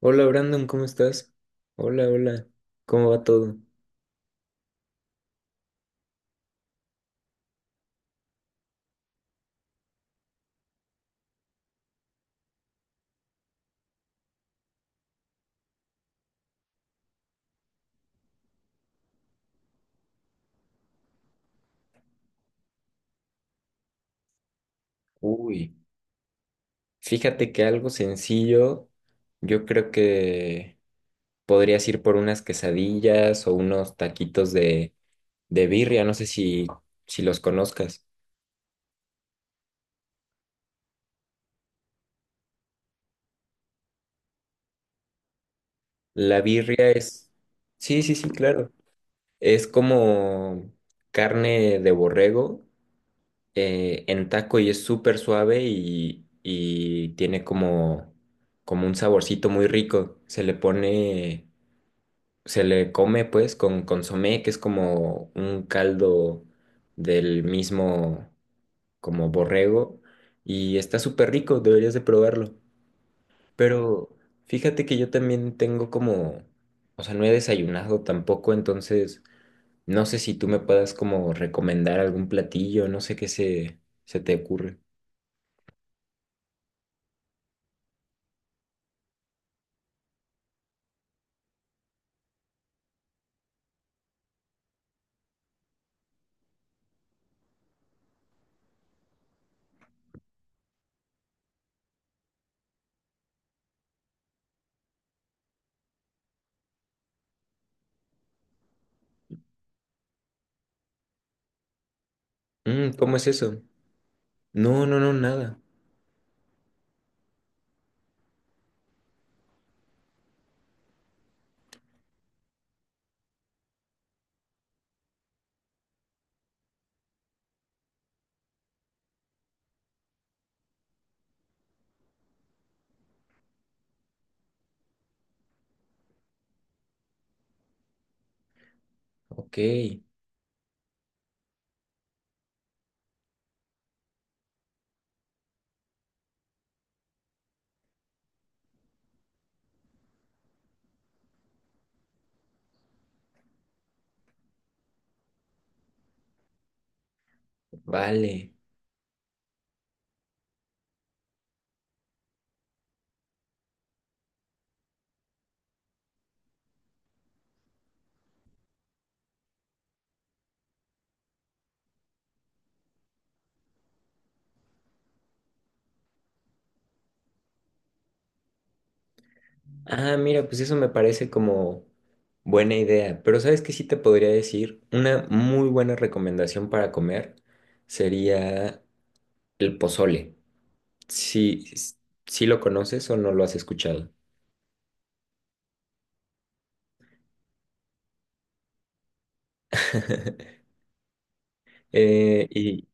Hola Brandon, ¿cómo estás? Hola, hola, ¿cómo va todo? Uy, fíjate que algo sencillo, yo creo que podrías ir por unas quesadillas o unos taquitos de birria, no sé si los conozcas. La birria es, sí, sí, sí, claro, es como carne de borrego en taco y es súper suave y tiene como un saborcito muy rico. Se le come pues con consomé, que es como un caldo del mismo como borrego y está súper rico, deberías de probarlo. Pero fíjate que yo también tengo como, o sea, no he desayunado tampoco, entonces no sé si tú me puedas como recomendar algún platillo, no sé qué se te ocurre. Mm, ¿cómo es eso? No, no, no, nada. Ok, vale. Ah, mira, pues eso me parece como buena idea. Pero ¿sabes qué sí te podría decir? Una muy buena recomendación para comer sería el pozole. Si, si lo conoces o no lo has escuchado. Y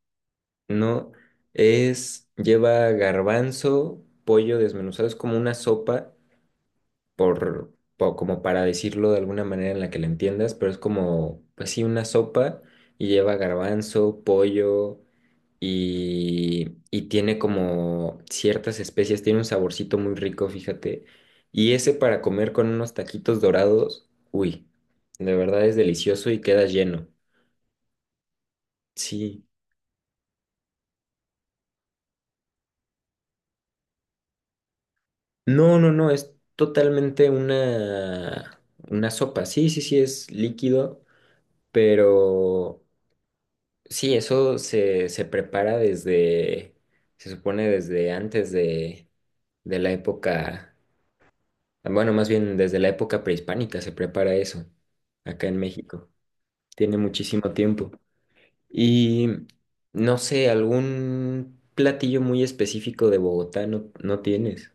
no, es, lleva garbanzo, pollo desmenuzado, es como una sopa, como para decirlo de alguna manera en la que la entiendas, pero es como, pues sí, una sopa y lleva garbanzo, pollo. Y tiene como ciertas especies, tiene un saborcito muy rico, fíjate. Y ese para comer con unos taquitos dorados, uy, de verdad es delicioso y queda lleno. Sí. No, no, no, es totalmente una sopa. Sí, sí, sí, es líquido, pero sí, se prepara se supone desde antes de la época. Bueno, más bien desde la época prehispánica se prepara eso, acá en México. Tiene muchísimo tiempo. Y no sé, algún platillo muy específico de Bogotá no, no tienes.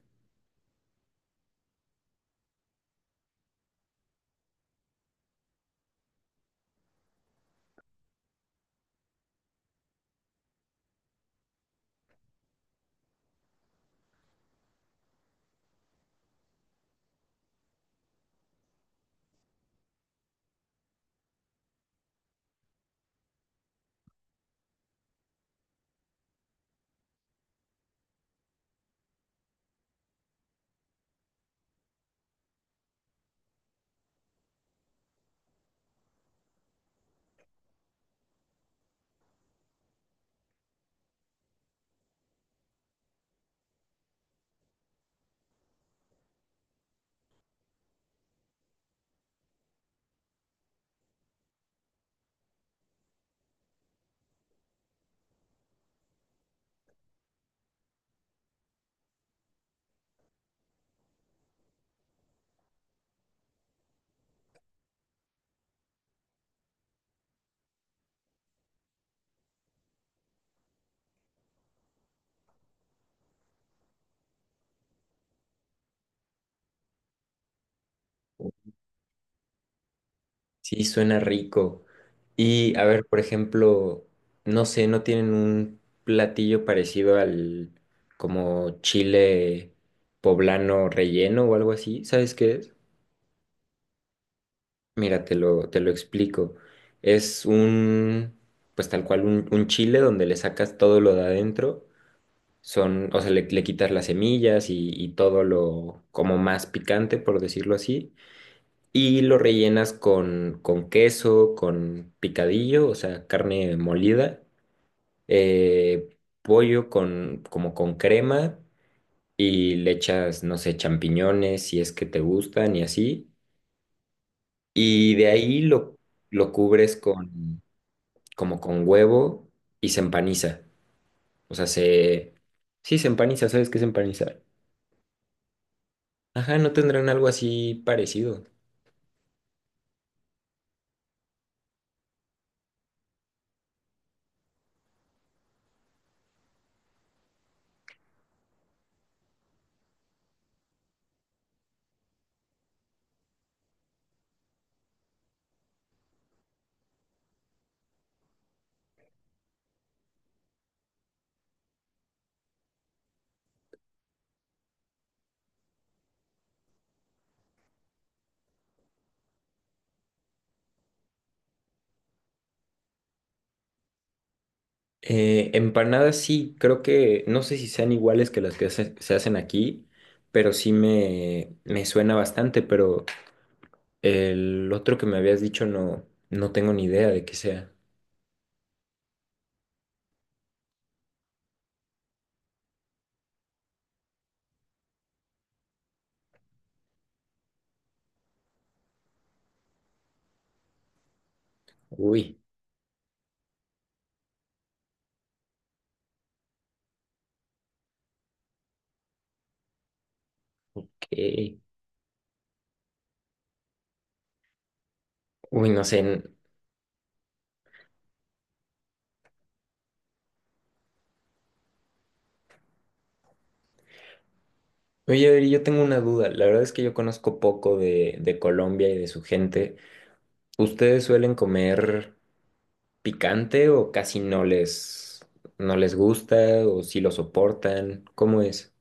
Sí, suena rico. Y a ver, por ejemplo, no sé, no tienen un platillo parecido al como chile poblano relleno o algo así. ¿Sabes qué es? Mira, te lo explico. Es un, pues tal cual, un chile donde le sacas todo lo de adentro. Son, o sea, le quitas las semillas y todo lo como más picante, por decirlo así. Y lo rellenas con queso, con picadillo, o sea, carne molida, eh, pollo con, como con crema y le echas, no sé, champiñones si es que te gustan y así. Y de ahí lo cubres con... como con huevo y se empaniza. O sea, se... Sí, se empaniza, ¿sabes qué es empanizar? Ajá, ¿no tendrán algo así parecido? Empanadas sí, creo que no sé si sean iguales que las que se hacen aquí, pero sí me suena bastante, pero el otro que me habías dicho no, no tengo ni idea de qué sea. Uy, qué... Uy, no sé. N- Oye, Adri, yo tengo una duda. La verdad es que yo conozco poco de Colombia y de su gente. ¿Ustedes suelen comer picante o casi no les, no les gusta o si lo soportan? ¿Cómo es?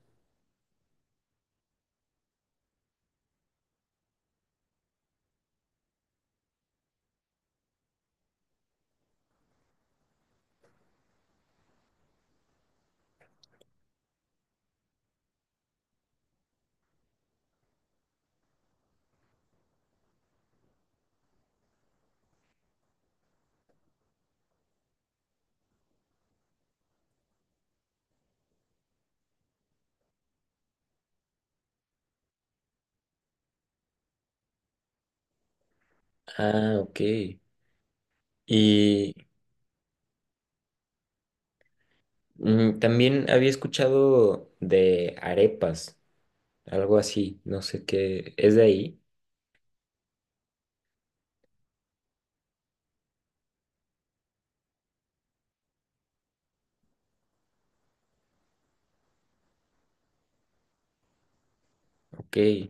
Ah, ok. Y mm, también había escuchado de arepas, algo así, no sé qué, ¿es de ahí? Ok.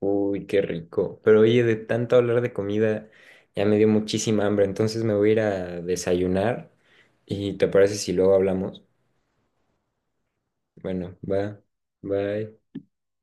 Uy, qué rico. Pero oye, de tanto hablar de comida, ya me dio muchísima hambre, entonces me voy a ir a desayunar. ¿Y te parece si luego hablamos? Bueno, va, bye.